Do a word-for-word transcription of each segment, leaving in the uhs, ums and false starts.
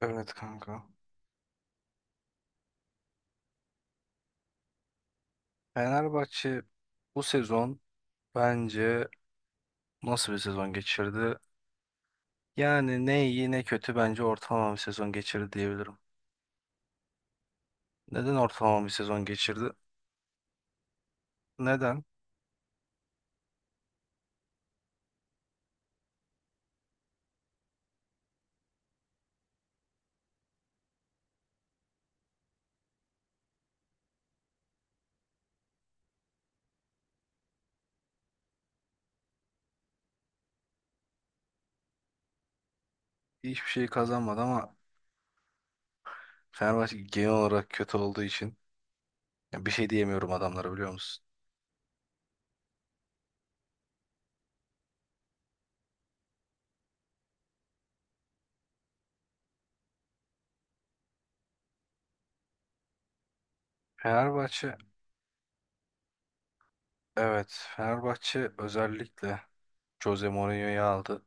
Evet kanka. Fenerbahçe bu sezon bence nasıl bir sezon geçirdi? Yani ne iyi ne kötü bence ortalama bir sezon geçirdi diyebilirim. Neden ortalama bir sezon geçirdi? Neden? Hiçbir şey kazanmadı ama Fenerbahçe genel olarak kötü olduğu için ya bir şey diyemiyorum adamlara biliyor musun? Fenerbahçe evet Fenerbahçe özellikle Jose Mourinho'yu aldı.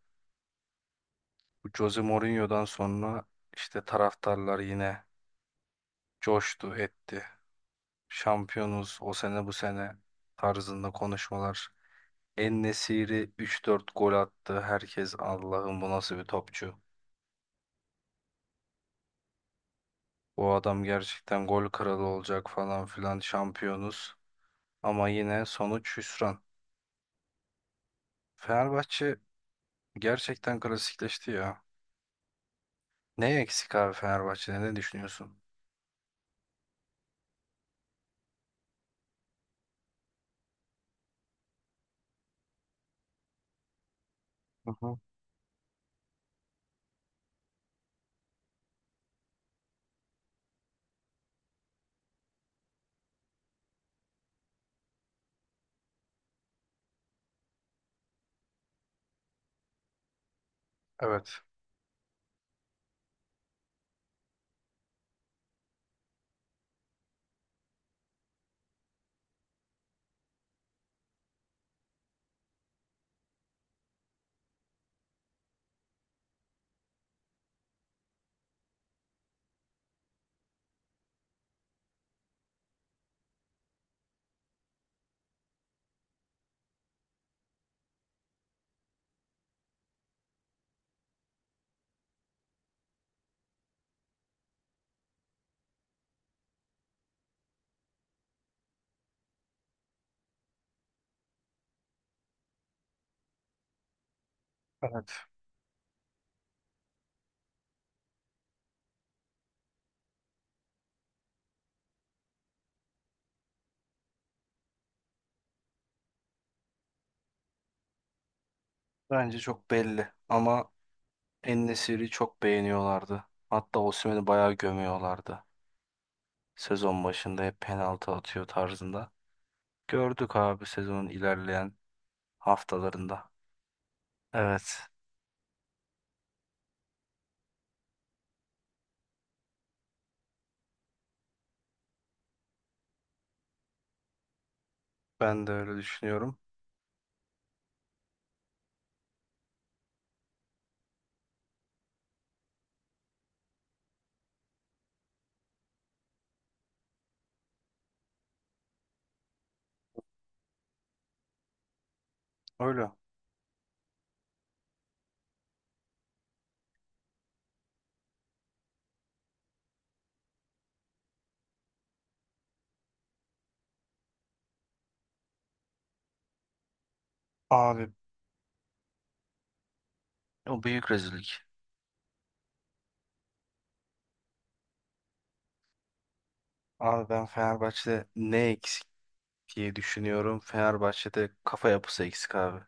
Bu Jose Mourinho'dan sonra işte taraftarlar yine coştu etti. Şampiyonuz o sene bu sene tarzında konuşmalar. En-Nesyri üç dört gol attı. Herkes Allah'ım bu nasıl bir topçu. Bu adam gerçekten gol kralı olacak falan filan şampiyonuz. Ama yine sonuç hüsran. Fenerbahçe gerçekten klasikleşti ya. Ne eksik abi Fenerbahçe'de ne düşünüyorsun? Hı hı. Evet. Evet. Bence çok belli ama En-Nesyri çok beğeniyorlardı. Hatta Osimhen'i bayağı gömüyorlardı. Sezon başında hep penaltı atıyor tarzında. Gördük abi sezonun ilerleyen haftalarında. Evet, ben de öyle düşünüyorum. Öyle. Abi o büyük rezillik. Abi ben Fenerbahçe'de ne eksik diye düşünüyorum. Fenerbahçe'de kafa yapısı eksik abi.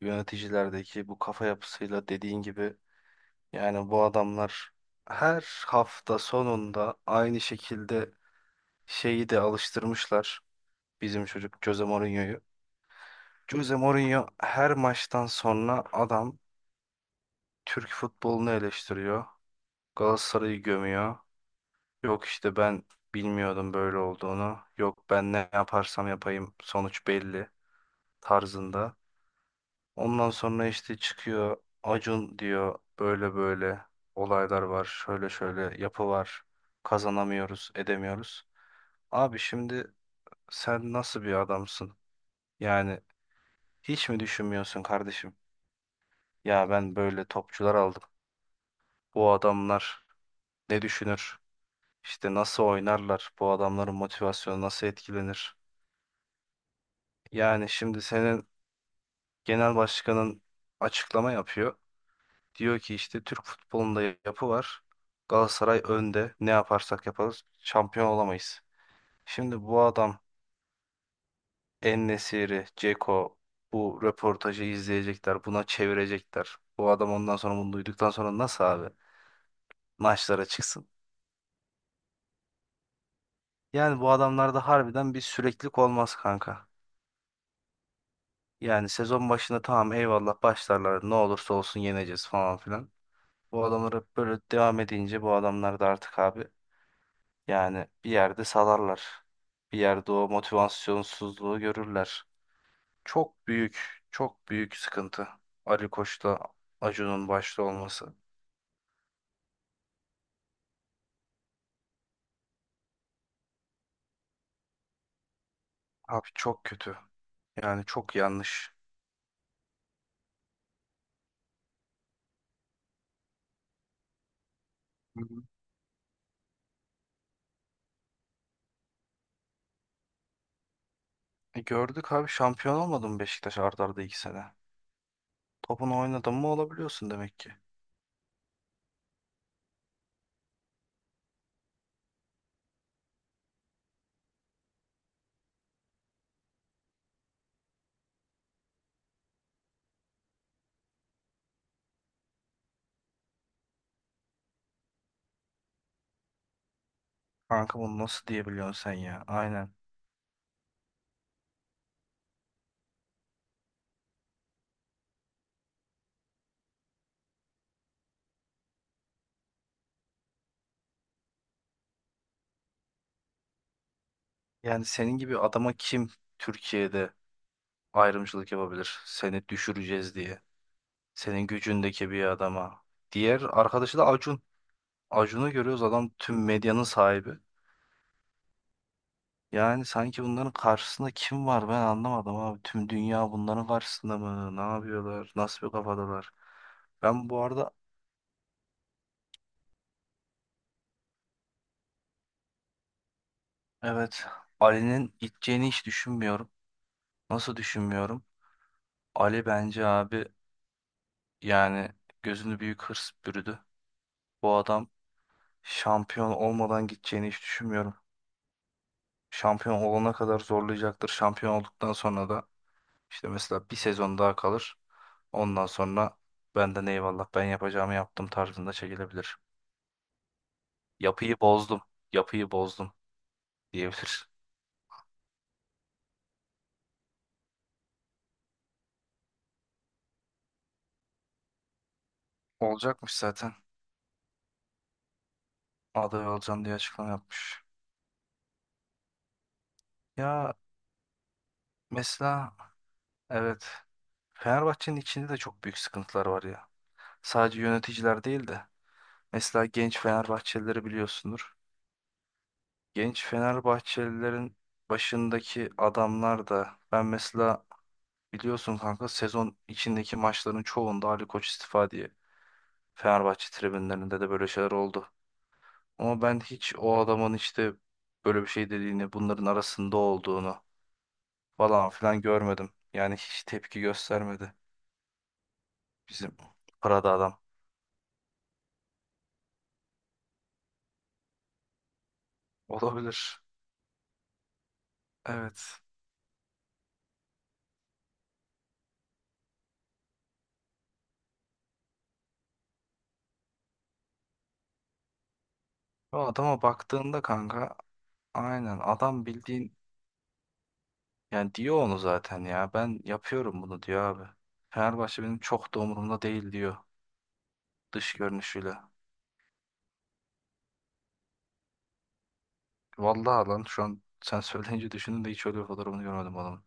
Yöneticilerdeki bu kafa yapısıyla dediğin gibi yani bu adamlar her hafta sonunda aynı şekilde şeyi de alıştırmışlar. Bizim çocuk Jose Mourinho'yu. Jose Mourinho her maçtan sonra adam Türk futbolunu eleştiriyor. Galatasaray'ı gömüyor. Yok işte ben bilmiyordum böyle olduğunu. Yok ben ne yaparsam yapayım sonuç belli tarzında. Ondan sonra işte çıkıyor Acun diyor böyle böyle olaylar var. Şöyle şöyle yapı var. Kazanamıyoruz, edemiyoruz. Abi şimdi sen nasıl bir adamsın? Yani hiç mi düşünmüyorsun kardeşim? Ya ben böyle topçular aldım. Bu adamlar ne düşünür? İşte nasıl oynarlar? Bu adamların motivasyonu nasıl etkilenir? Yani şimdi senin genel başkanın açıklama yapıyor. Diyor ki işte Türk futbolunda yapı var. Galatasaray önde. Ne yaparsak yaparız şampiyon olamayız. Şimdi bu adam En-Nesyri, Dzeko bu röportajı izleyecekler. Buna çevirecekler. Bu adam ondan sonra bunu duyduktan sonra nasıl abi maçlara çıksın? Yani bu adamlarda harbiden bir süreklilik olmaz kanka. Yani sezon başında tamam eyvallah başlarlar ne olursa olsun yeneceğiz falan filan. Bu adamlar hep böyle devam edince bu adamlar da artık abi yani bir yerde salarlar. Bir yerde o motivasyonsuzluğu görürler. Çok büyük, çok büyük sıkıntı. Ali Koç'la Acun'un başta olması. Abi çok kötü. Yani çok yanlış. Hı hı. E gördük abi şampiyon olmadı mı Beşiktaş art arda iki sene? Topunu oynadın mı olabiliyorsun demek ki. Kanka bunu nasıl diyebiliyorsun sen ya? Aynen. Yani senin gibi adama kim Türkiye'de ayrımcılık yapabilir? Seni düşüreceğiz diye. Senin gücündeki bir adama. Diğer arkadaşı da Acun. Acun'u görüyoruz adam tüm medyanın sahibi. Yani sanki bunların karşısında kim var ben anlamadım abi. Tüm dünya bunların karşısında mı? Ne yapıyorlar? Nasıl bir kafadalar? Ben bu arada evet Ali'nin gideceğini hiç düşünmüyorum. Nasıl düşünmüyorum? Ali bence abi yani gözünü büyük hırs bürüdü. Bu adam şampiyon olmadan gideceğini hiç düşünmüyorum. Şampiyon olana kadar zorlayacaktır. Şampiyon olduktan sonra da işte mesela bir sezon daha kalır. Ondan sonra benden eyvallah ben yapacağımı yaptım tarzında çekilebilir. Yapıyı bozdum, yapıyı bozdum diyebilir. Olacakmış zaten. Aday olacağım diye açıklama yapmış. Ya mesela evet Fenerbahçe'nin içinde de çok büyük sıkıntılar var ya. Sadece yöneticiler değil de mesela genç Fenerbahçelileri biliyorsundur. Genç Fenerbahçelilerin başındaki adamlar da ben mesela biliyorsun kanka sezon içindeki maçların çoğunda Ali Koç istifa diye Fenerbahçe tribünlerinde de böyle şeyler oldu. Ama ben hiç o adamın işte böyle bir şey dediğini, bunların arasında olduğunu falan filan görmedim. Yani hiç tepki göstermedi bizim parada adam. Olabilir. Evet. O adama baktığında kanka aynen adam bildiğin. Yani diyor onu zaten ya. Ben yapıyorum bunu diyor abi. Fenerbahçe benim çok da umurumda değil diyor dış görünüşüyle. Vallahi lan şu an sen söyleyince düşündüm de hiç öyle bir fotoğrafını görmedim adamın.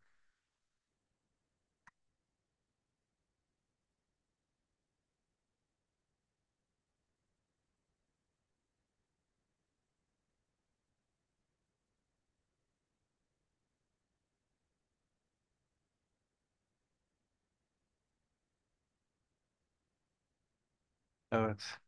Evet.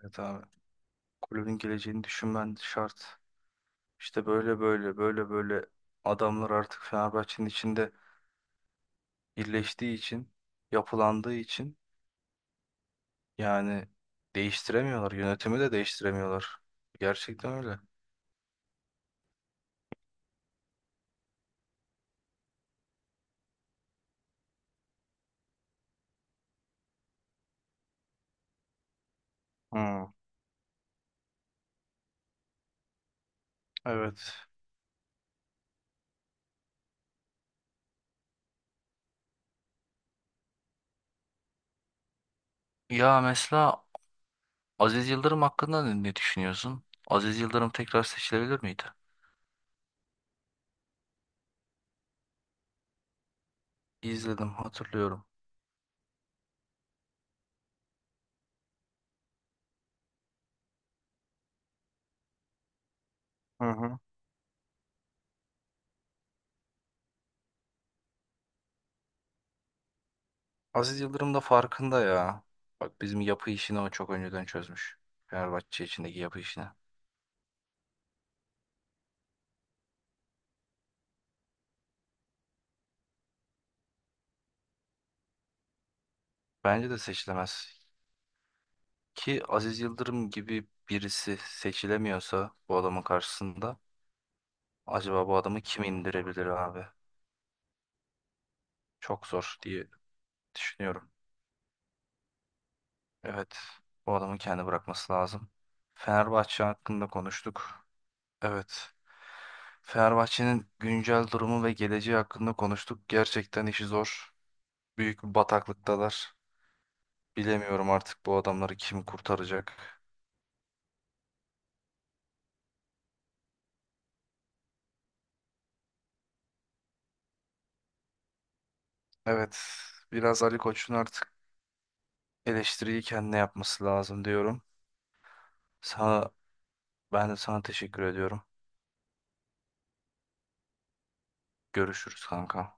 Evet abi. Kulübün geleceğini düşünmen şart. İşte böyle böyle böyle böyle adamlar artık Fenerbahçe'nin içinde birleştiği için, yapılandığı için yani değiştiremiyorlar. Yönetimi de değiştiremiyorlar. Gerçekten öyle. Hmm, evet. Ya mesela Aziz Yıldırım hakkında ne ne düşünüyorsun? Aziz Yıldırım tekrar seçilebilir miydi? İzledim, hatırlıyorum. Hı hı. Aziz Yıldırım da farkında ya. Bak bizim yapı işini o çok önceden çözmüş. Fenerbahçe içindeki yapı işini. Bence de seçilemez. Ki Aziz Yıldırım gibi birisi seçilemiyorsa bu adamın karşısında acaba bu adamı kim indirebilir abi? Çok zor diye düşünüyorum. Evet, bu adamı kendi bırakması lazım. Fenerbahçe hakkında konuştuk. Evet. Fenerbahçe'nin güncel durumu ve geleceği hakkında konuştuk. Gerçekten işi zor. Büyük bir bataklıktalar. Bilemiyorum artık bu adamları kim kurtaracak. Evet, biraz Ali Koç'un artık eleştiriyi kendine yapması lazım diyorum. Sana, ben de sana teşekkür ediyorum. Görüşürüz kanka.